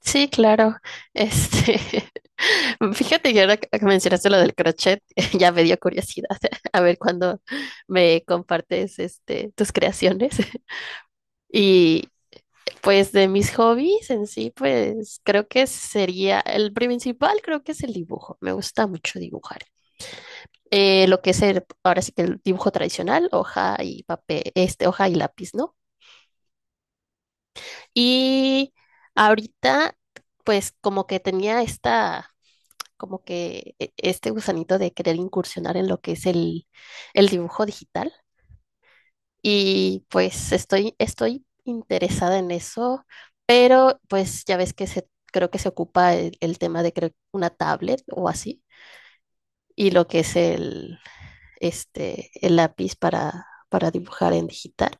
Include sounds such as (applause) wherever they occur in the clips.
Sí, claro. Este, (laughs) fíjate que ahora que mencionaste lo del crochet, (laughs) ya me dio curiosidad (laughs) a ver cuándo me compartes tus creaciones. (laughs) Y pues de mis hobbies en sí, pues creo que sería el principal, creo que es el dibujo. Me gusta mucho dibujar. Lo que es ahora sí que el dibujo tradicional, hoja y papel, este, hoja y lápiz, ¿no? Y ahorita, pues como que tenía esta como que este gusanito de querer incursionar en lo que es el dibujo digital. Y pues estoy interesada en eso, pero pues ya ves que se, creo que se ocupa el tema de creo, una tablet o así, y lo que es el lápiz para dibujar en digital.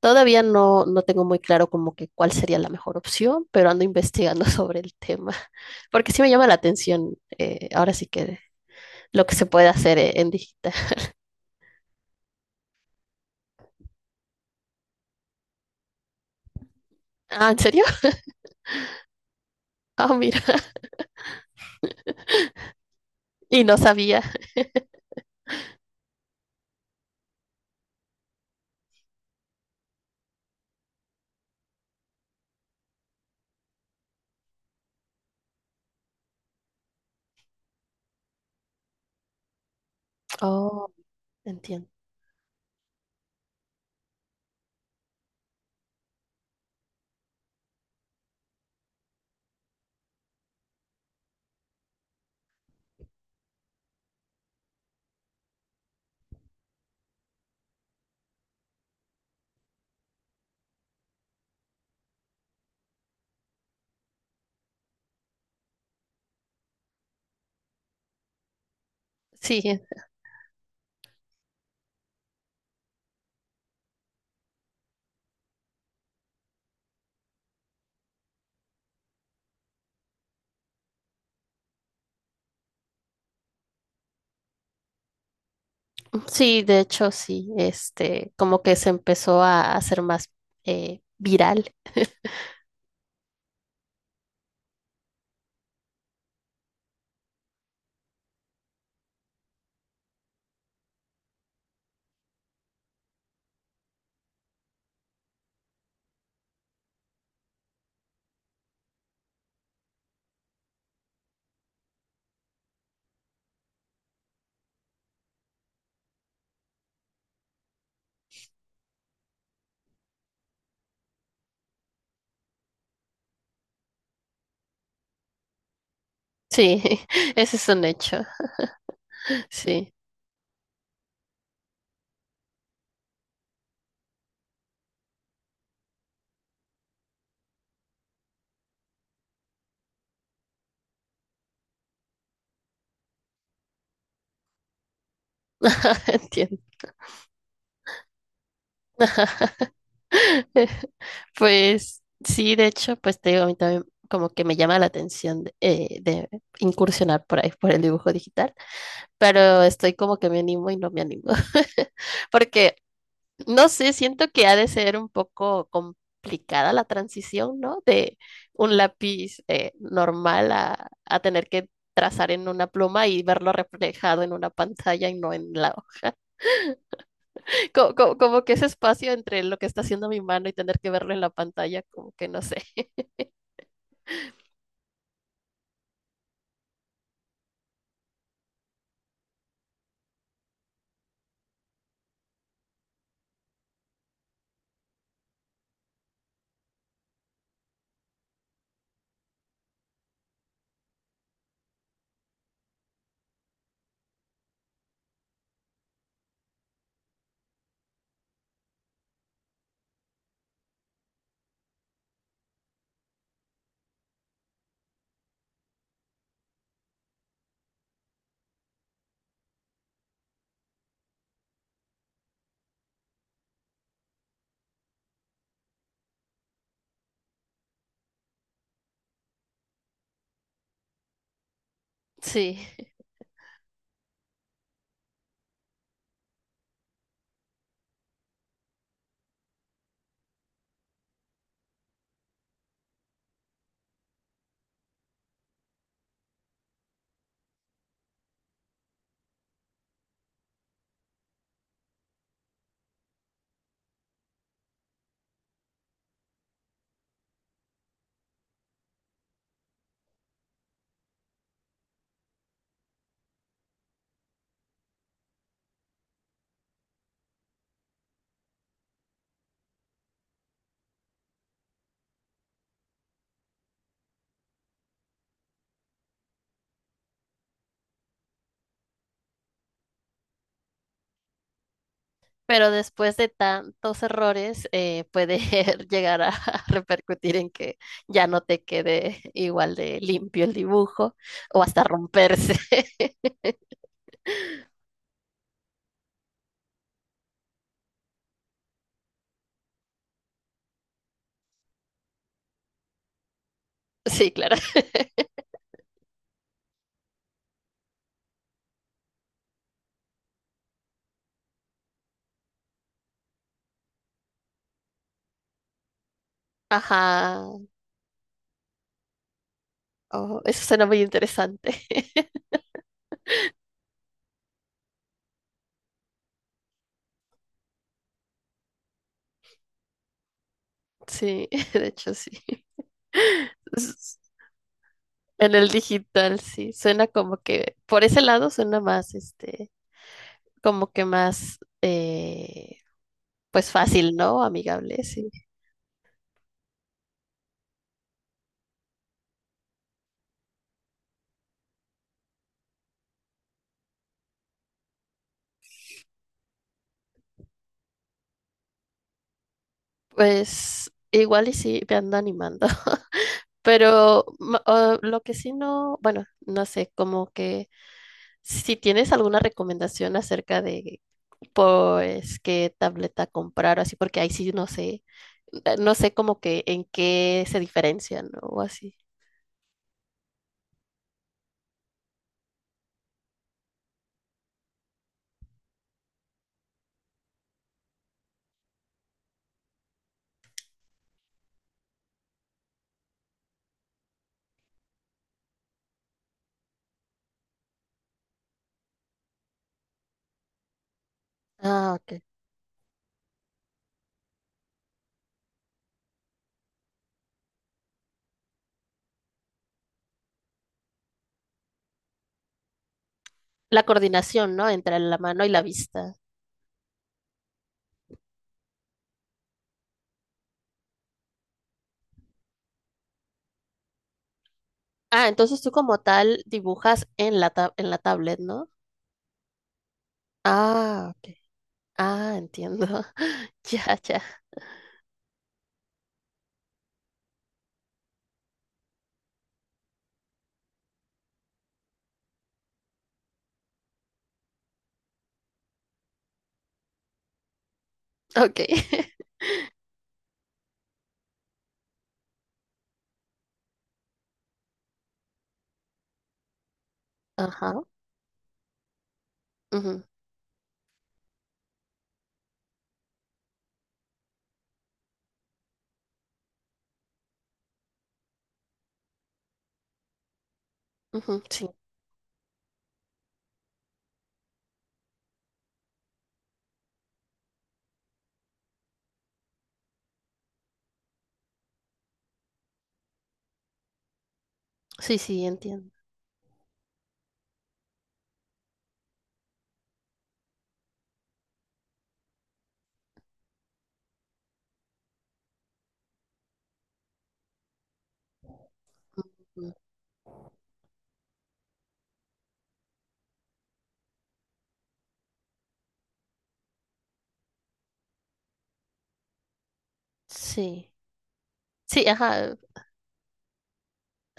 Todavía no tengo muy claro como que cuál sería la mejor opción, pero ando investigando (laughs) sobre el tema, porque sí me llama la atención, ahora sí que lo que se puede hacer en digital. (laughs) Ah, ¿en serio? (laughs) Ah, mira, y no sabía. Oh, entiendo. Sí, sí, de hecho, sí, como que se empezó a hacer más viral. Sí, (laughs) ese es un hecho. Sí, (laughs) entiendo. (laughs) Pues sí, de hecho, pues te digo, a mí también como que me llama la atención de incursionar por ahí, por el dibujo digital, pero estoy como que me animo y no me animo, (laughs) porque no sé, siento que ha de ser un poco complicada la transición, ¿no? De un lápiz normal a tener que trazar en una pluma y verlo reflejado en una pantalla y no en la... (laughs) como que ese espacio entre lo que está haciendo mi mano y tener que verlo en la pantalla, como que no sé. (laughs) Sí, pero después de tantos errores puede (laughs) llegar a (laughs) repercutir en que ya no te quede igual de limpio el dibujo o hasta romperse. (laughs) Sí, claro. (laughs) Ajá. Oh, eso suena muy interesante. Sí, (laughs) de hecho, sí. S- En el digital, sí. Suena como que, por ese lado, suena más, como que más, pues fácil, ¿no? Amigable, sí. Pues igual y sí, me ando animando. (laughs) Pero lo que sí no, bueno, no sé, como que si tienes alguna recomendación acerca de pues qué tableta comprar o así, porque ahí sí no sé, no sé como que en qué se diferencian, ¿no? O así. Ah, ok. La coordinación, ¿no? Entre la mano y la vista. Ah, entonces tú como tal dibujas en la en la tablet, ¿no? Ah, ok. Ah, entiendo. (laughs) Ya, ya. Ok. (laughs) Ajá. Ujú, ujú, sí. Sí, sí, entiendo. Ujú, sí. Sí, ajá.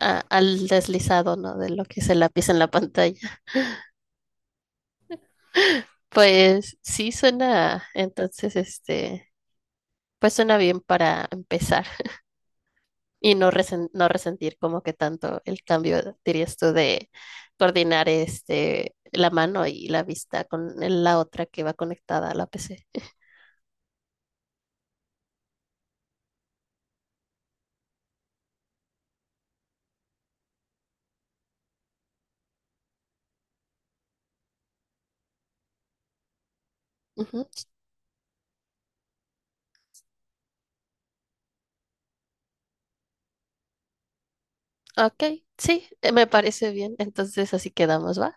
Al deslizado, ¿no? De lo que es el lápiz en la pantalla. Pues sí suena, entonces este, pues suena bien para empezar y no no resentir como que tanto el cambio, dirías tú, de coordinar este la mano y la vista con la otra que va conectada a la PC. Ujú. Ok, sí, me parece bien. Entonces así quedamos, ¿va?